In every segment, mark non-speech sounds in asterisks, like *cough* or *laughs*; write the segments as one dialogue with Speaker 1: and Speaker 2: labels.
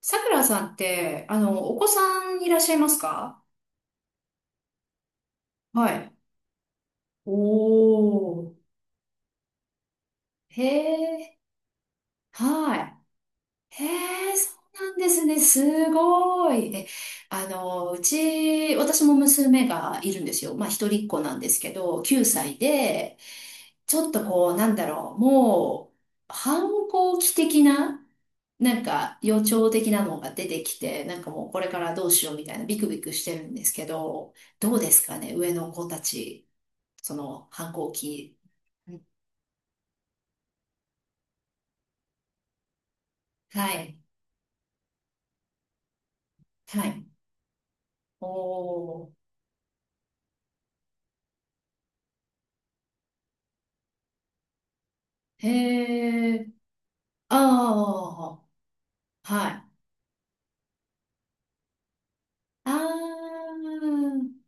Speaker 1: さくらさんって、お子さんいらっしゃいますか？はい。おー。へえ、はい。へえ、そうなんですね。すごい。え、あの、うち、私も娘がいるんですよ。まあ、一人っ子なんですけど、9歳で、ちょっとこう、もう、反抗期的な、なんか予兆的なのが出てきて、なんかもうこれからどうしようみたいなビクビクしてるんですけど、どうですかね、上の子たち、その反抗期。うん、はい、はい。おー、へー、あー、はい。あー、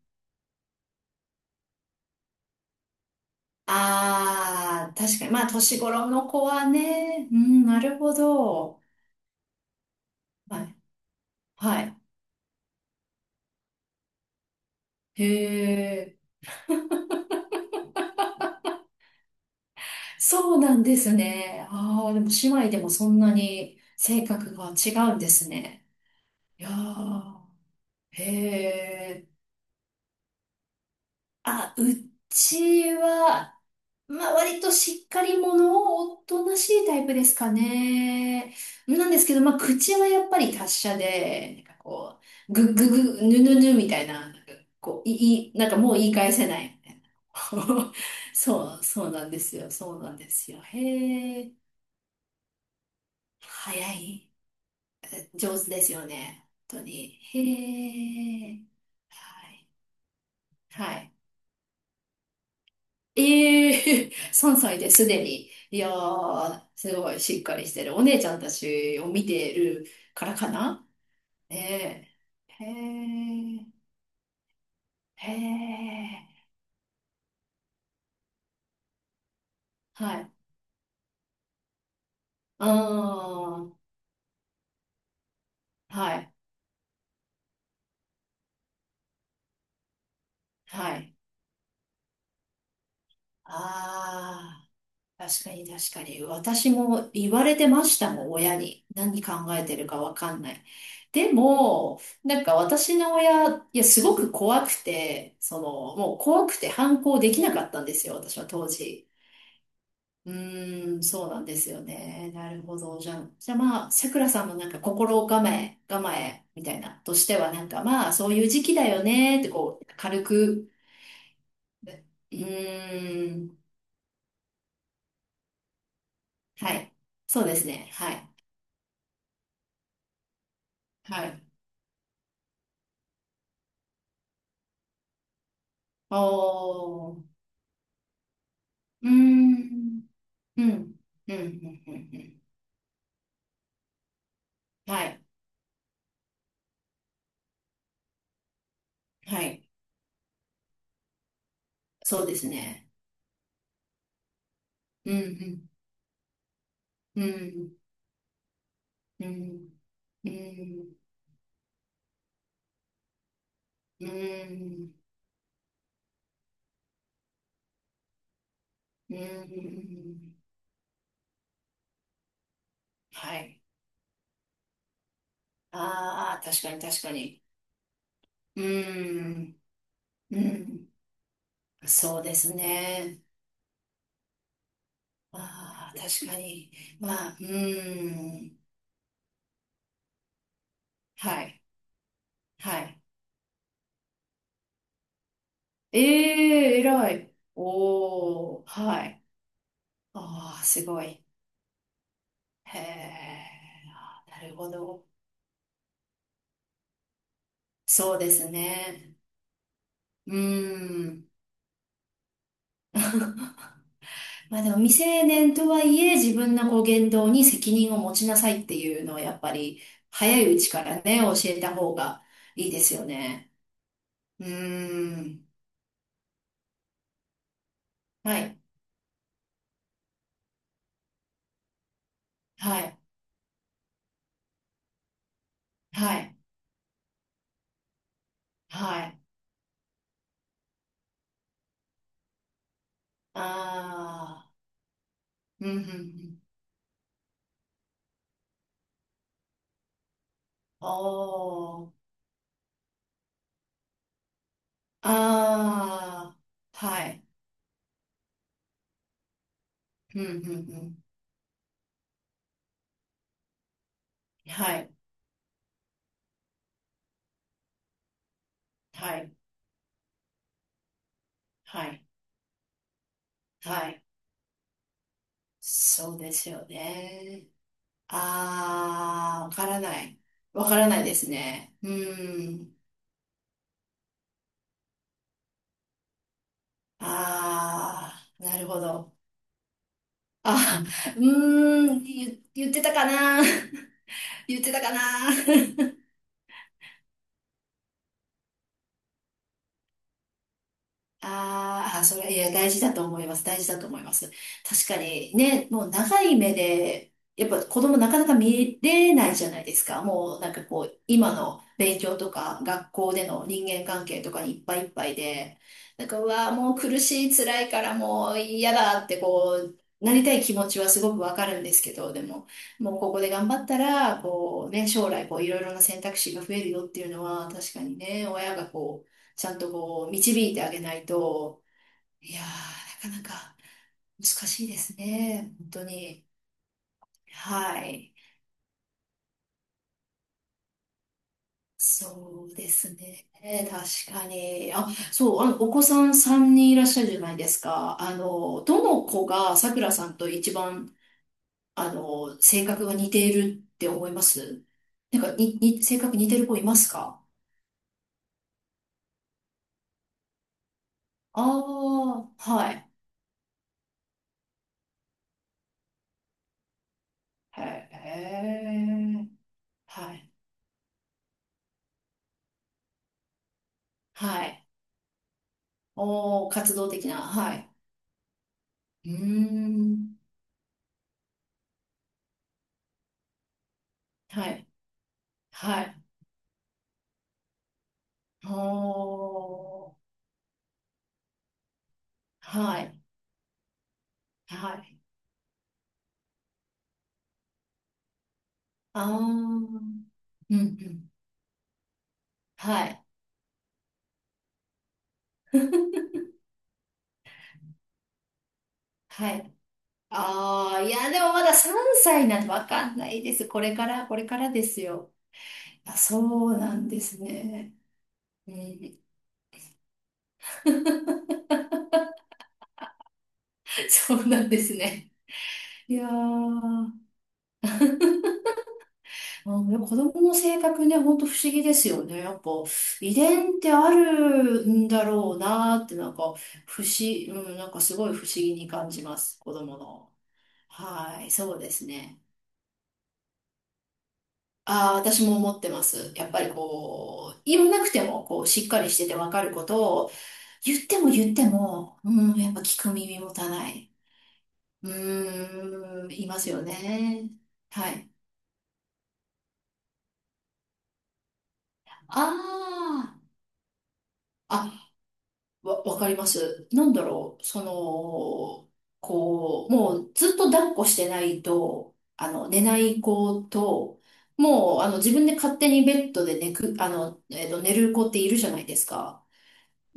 Speaker 1: あー、確かに、まあ年頃の子はね、うん、なるほど。はい、はい。へ、そうなんですね。ああ、でも姉妹でもそんなに性格が違うんですね。いやー、へえ。あ、うちは、まあ割としっかり者をおとなしいタイプですかね。なんですけど、まあ口はやっぱり達者で、なんかこう、ぐっぐぐ、ぬぬぬみたいな、なんかこう、いい、なんかもう言い返せないみたいな。*laughs* そう、そうなんですよ。そうなんですよ。へえ。早い。上手ですよね。本当に。へえ。はい。はい。ええ、3歳 *laughs* ですでに。いやー、すごいしっかりしてる。お姉ちゃんたちを見てるからかな。ええ、へえ。へえ。はい。あー。はい。はい。あー。確かに確かに。私も言われてましたもん、親に。何考えてるかわかんない。でも、なんか私の親、いや、すごく怖くて、その、もう怖くて反抗できなかったんですよ、私は当時。うーん、そうなんですよね。なるほど。じゃあまあ、さくらさんのなんか心構え、構えみたいな、としてはなんかまあ、そういう時期だよね、ってこう、軽く、うーん、はい。そうですね。はい。はい。ああ、うーん、うん、うん、うん、うん、うん。はい、はい、そうですね。うん、うん、うん、うん、うん、うん、うん、はい。ああ、確かに、確かに。うん、うん、そうですね。ああ、確かに。まあ、うん、はい、はい。ええ、偉い。おー、はい。ああ、すごい。へえ、あ、なるほど。そうですね。うん。まあでも未成年とはいえ自分のこう言動に責任を持ちなさいっていうのはやっぱり早いうちからね、教えた方がいいですよね。うん。はい、はい、はい、はい。ああ、うん、うん、うん。おー、ああ、はい、うん、うん、うん。はい、はい、はい、はい。そうですよね。ああ、わからない。わからないですね。うーん。ああ、なるほど。あ、うーん、言ってたかな *laughs* 言ってたかな。あーあー、それ、いや、大事だと思います。大事だと思います。確かにね、もう長い目で、やっぱ子供なかなか見れないじゃないですか。もうなんかこう、今の勉強とか、学校での人間関係とかにいっぱいいっぱいで、なんか、うわー、もう苦しい、辛いからもう嫌だってこう、なりたい気持ちはすごくわかるんですけど、でも、もうここで頑張ったら、こうね、将来こういろいろな選択肢が増えるよっていうのは、確かにね、親がこう、ちゃんとこう、導いてあげないと、いやー、なかなか難しいですね。本当に。はい。そうですね。確かに。あ、そう、お子さん3人いらっしゃるじゃないですか。あの、どの子がさくらさんと一番、あの、性格が似ているって思います？なんか、性格似てる子いますか？ああー、はい。へえ、はい。はい。おー、活動的な、はい。うーん。はい。はい。ほー。はい。はい。あー。うん、うん。はい。はい。ああ、いや、でもまだ3歳なんてわかんないです。これから、これからですよ。あ、そうなんですね。うん、*laughs* そうなんですね。いやー、あ、でも子供の性格ね、ほんと不思議ですよね。やっぱ遺伝ってあるんだろうなって、なんかうん、なんかすごい不思議に感じます。子供の。はい、そうですね。ああ、私も思ってます。やっぱりこう、言わなくても、こう、しっかりしててわかることを、言っても言っても、うん、やっぱ聞く耳持たない。うーん、いますよね。はい。ああ。あ、わかります。なんだろう、その、こう、もうずっと抱っこしてないと、あの、寝ない子と、もう、あの、自分で勝手にベッドで寝く、あの、えっと、寝る子っているじゃないですか。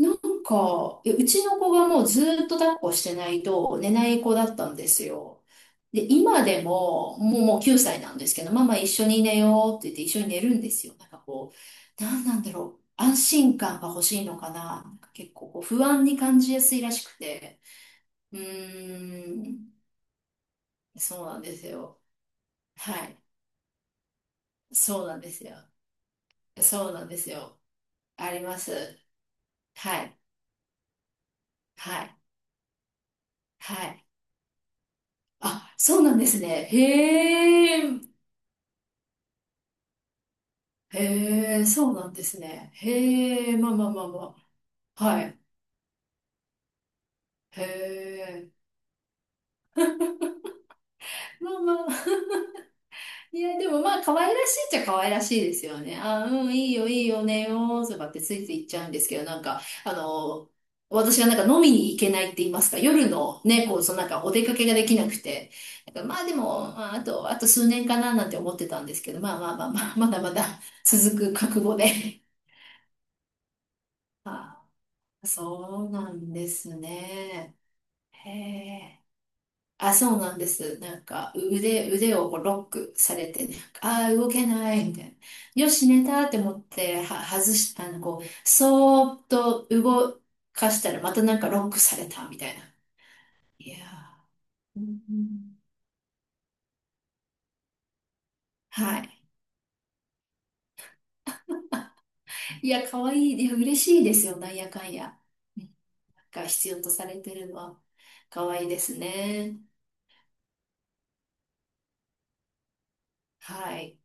Speaker 1: なんか、え、うちの子がもうずっと抱っこしてないと寝ない子だったんですよ。で、今でも、もう9歳なんですけど、ママ一緒に寝ようって言って一緒に寝るんですよ。なんかこう、なんなんだろう。安心感が欲しいのかな。なんか結構こう不安に感じやすいらしくて。うーん、そうなんですよ。はい。そうなんですよ。そうなんですよ。あります。はい。はい。はい。あ、そうなんですね。へえ。へえ、そうなんですね。へえ、まあまあまあまあ。はい。へえ。まあまあ。いや、でもまあ、可愛らしいっちゃ可愛らしいですよね。あ、うん、いいよ、いいよ、ねよ、とかってついていっちゃうんですけど、なんか、あの、私はなんか飲みに行けないって言いますか、夜のね、こう、そのなんかお出かけができなくて。なんかまあでも、まあ、あと、あと数年かななんて思ってたんですけど、まあまあまあまあ、まだまだ続く覚悟で。*laughs* あ、そうなんですね。へえ。あ、そうなんです。なんか、腕をこうロックされてね、ああ、動けない、みたいな。よし、寝たって思って、は、外し、あの、こう、そーっと動かしたら、またなんかロックされた、みたいな。いやー、うん、うん、はい。いや、可愛いい。いや、嬉しいですよ、なんやかんや。なんか必要とされてるのは、可愛いですね。はい。